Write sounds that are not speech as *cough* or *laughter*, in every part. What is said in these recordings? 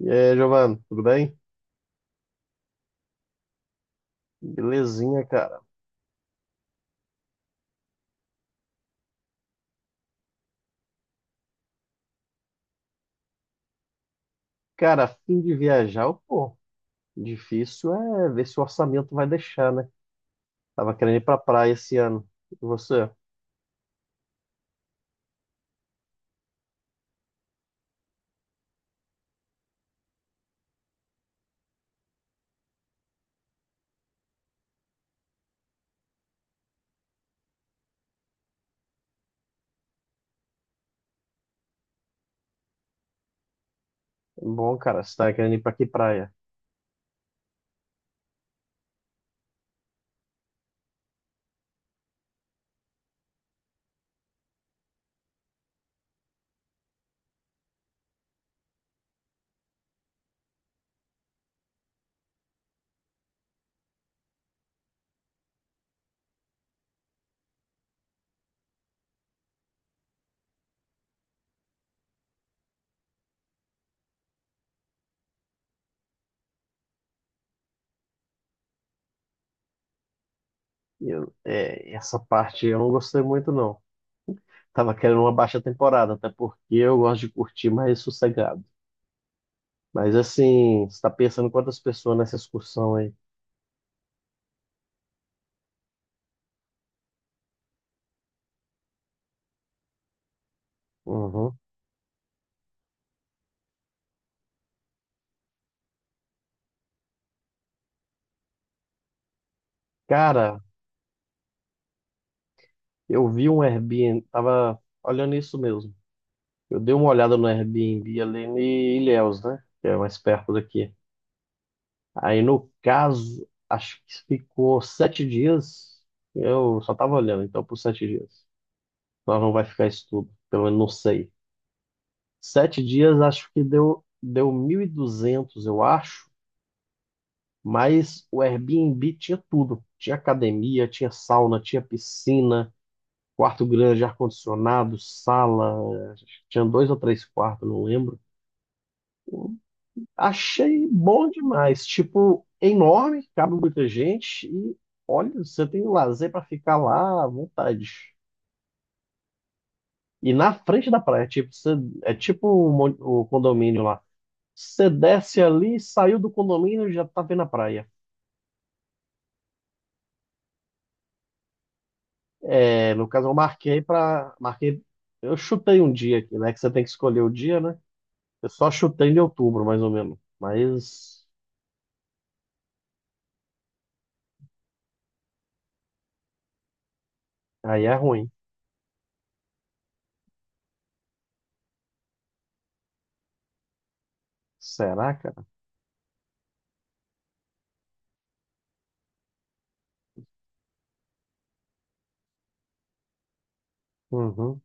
E aí, Giovanni, tudo bem? Belezinha, cara. Cara, a fim de viajar, pô, difícil é ver se o orçamento vai deixar, né? Tava querendo ir pra praia esse ano. E você? Bom, cara, você tava querendo ir pra que praia? Eu, essa parte eu não gostei muito, não. Tava querendo uma baixa temporada, até porque eu gosto de curtir mais sossegado. Mas assim, você tá pensando quantas pessoas nessa excursão aí? Uhum. Cara, eu vi um Airbnb, tava olhando isso mesmo. Eu dei uma olhada no Airbnb ali em Ilhéus, né? Que é mais perto daqui. Aí, no caso, acho que ficou 7 dias. Eu só tava olhando, então, por 7 dias. Nós não vai ficar isso tudo, pelo menos não sei. 7 dias, acho que deu 1.200, eu acho. Mas o Airbnb tinha tudo. Tinha academia, tinha sauna, tinha piscina, quarto grande, ar-condicionado, sala. Tinha dois ou três quartos, não lembro. Achei bom demais. Tipo, é enorme, cabe muita gente. E olha, você tem lazer pra ficar lá à vontade. E na frente da praia, tipo, você, é tipo o condomínio lá. Você desce ali, saiu do condomínio e já tá vendo a praia. É, no caso, eu marquei pra. Marquei. Eu chutei um dia aqui, né? Que você tem que escolher o dia, né? Eu só chutei em outubro, mais ou menos. Mas aí é ruim. Será, cara? Uhum.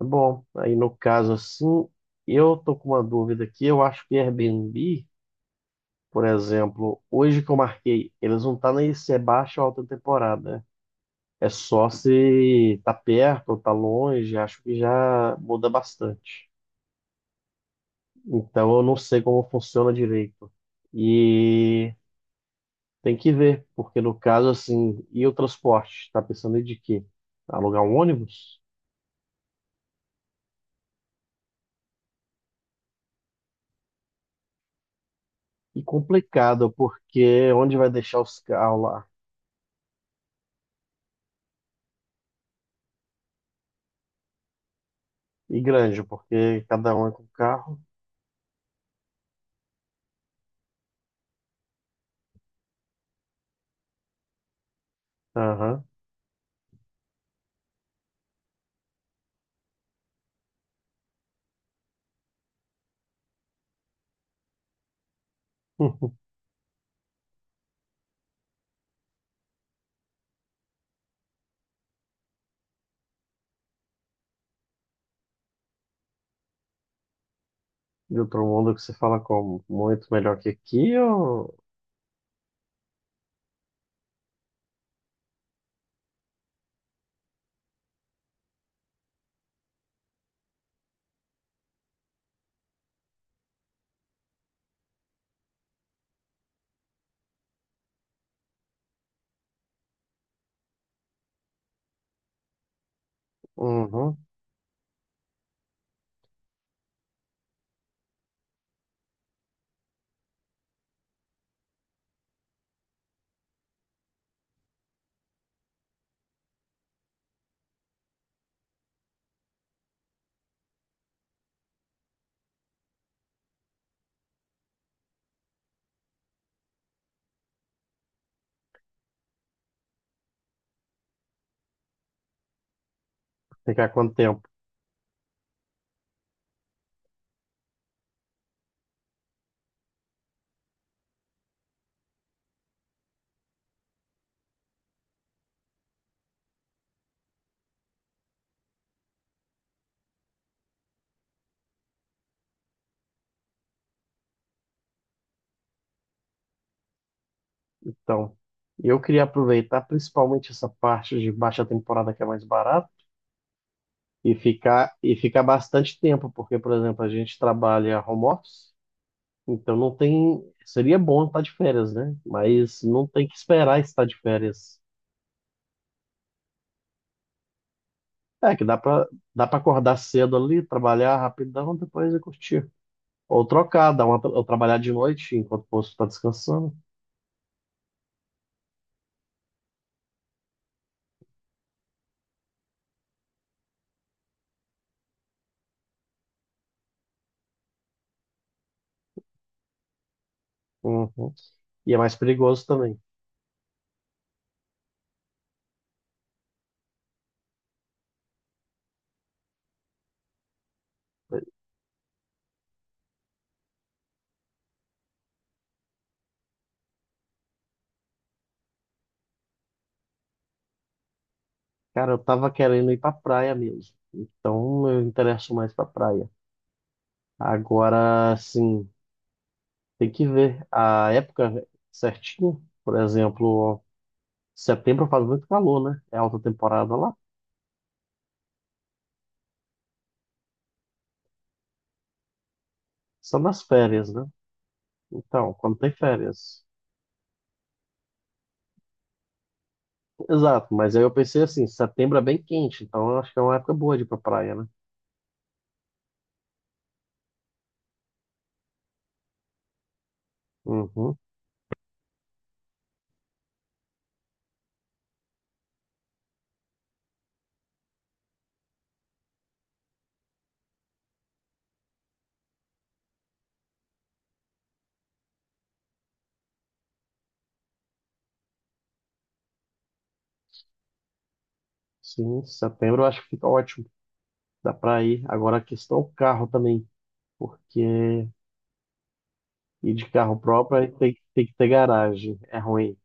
Bom, aí no caso assim, eu tô com uma dúvida aqui. Eu acho que Airbnb, por exemplo, hoje que eu marquei, eles não tá nem se é baixa ou alta temporada, né? É só se tá perto ou tá longe, acho que já muda bastante. Então eu não sei como funciona direito. E tem que ver, porque no caso assim, e o transporte? Tá pensando em de quê? Alugar um ônibus? E complicado, porque onde vai deixar os carros lá? E grande, porque cada um é com carro. Aham. *laughs* De outro mundo que se fala como? Muito melhor que aqui ou. Uhum. Ficar quanto tempo? Então, eu queria aproveitar principalmente essa parte de baixa temporada que é mais barata e ficar bastante tempo, porque, por exemplo, a gente trabalha home office, então não tem. Seria bom estar de férias, né? Mas não tem que esperar estar de férias. É que dá pra acordar cedo ali, trabalhar rapidão, depois eu curtir. Ou trocar, ou trabalhar de noite enquanto o posto está descansando. Uhum. E é mais perigoso também. Cara, eu tava querendo ir pra praia mesmo. Então eu interesso mais pra praia. Agora, assim, tem que ver a época certinho. Por exemplo, setembro faz muito calor, né? É alta temporada lá. São nas férias, né? Então, quando tem férias. Exato, mas aí eu pensei assim, setembro é bem quente, então eu acho que é uma época boa de ir pra praia, né? Uhum. Sim, setembro eu acho que fica ótimo. Dá para ir. Agora a questão é o carro também, porque ir de carro próprio aí tem que ter garagem, é ruim.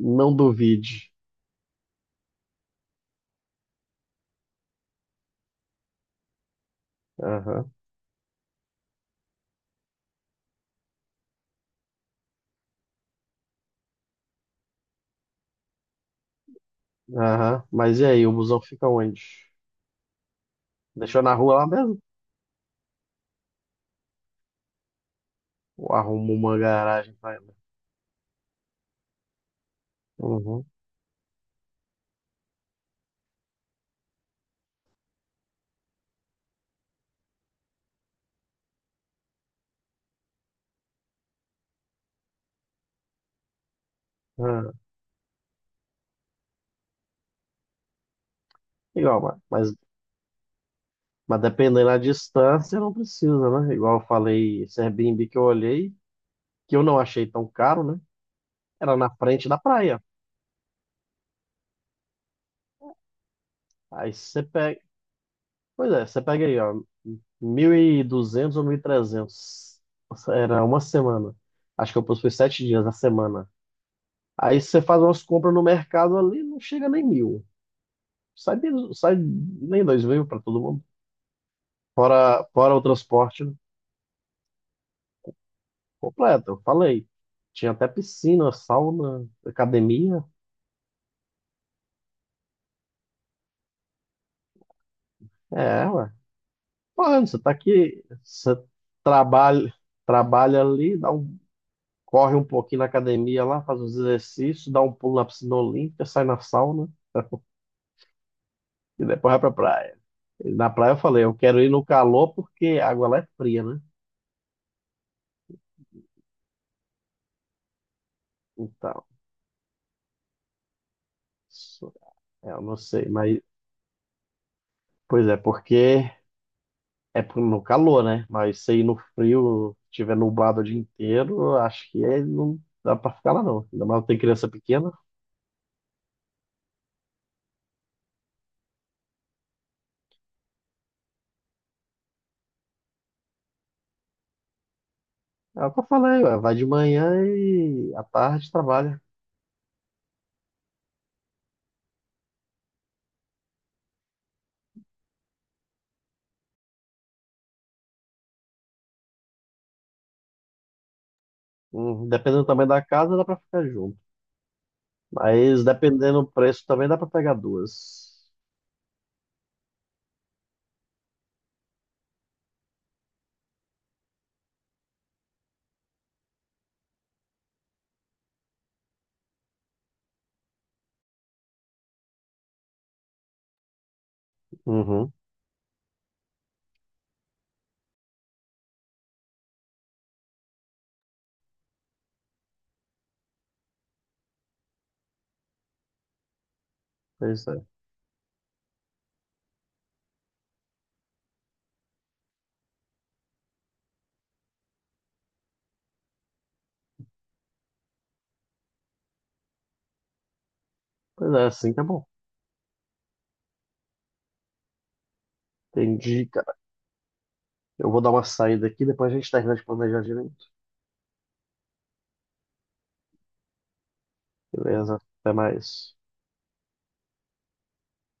Não duvide. Aham, aham. Mas e aí, o busão fica onde? Deixou na rua lá mesmo? Ou arruma uma garagem para ele. Uhum. Ah, igual, mas dependendo da distância, não precisa, né? Igual eu falei, esse Airbnb que eu olhei, que eu não achei tão caro, né? Era na frente da praia. Aí você pega. Pois é, você pega aí, ó, 1.200 ou 1.300. Era uma semana. Acho que eu pus foi 7 dias na semana. Aí você faz umas compras no mercado ali, não chega nem 1.000. Sai nem 2.000 para todo mundo. Fora o transporte completo, eu falei. Tinha até piscina, sauna, academia. É, ué. Mano, você tá aqui, você trabalha, trabalha ali, dá um corre um pouquinho na academia lá, faz uns exercícios, dá um pulo na piscina olímpica, sai na sauna *laughs* e depois vai pra praia. E na praia eu falei, eu quero ir no calor porque a água lá é fria, né? Então, isso- eu não sei, mas pois é, porque é no calor, né? Mas se ir no frio, tiver nublado o dia inteiro, eu acho que não dá pra ficar lá não. Ainda mais tem criança pequena. É o que eu falei, ué, vai de manhã e à tarde trabalha. Dependendo do tamanho da casa, dá pra ficar junto. Mas dependendo do preço, também dá pra pegar duas. Uhum, pois é. Pois é, assim tá bom. Entendi, cara. Eu vou dar uma saída aqui, depois a gente termina de planejar direito. Beleza, até mais.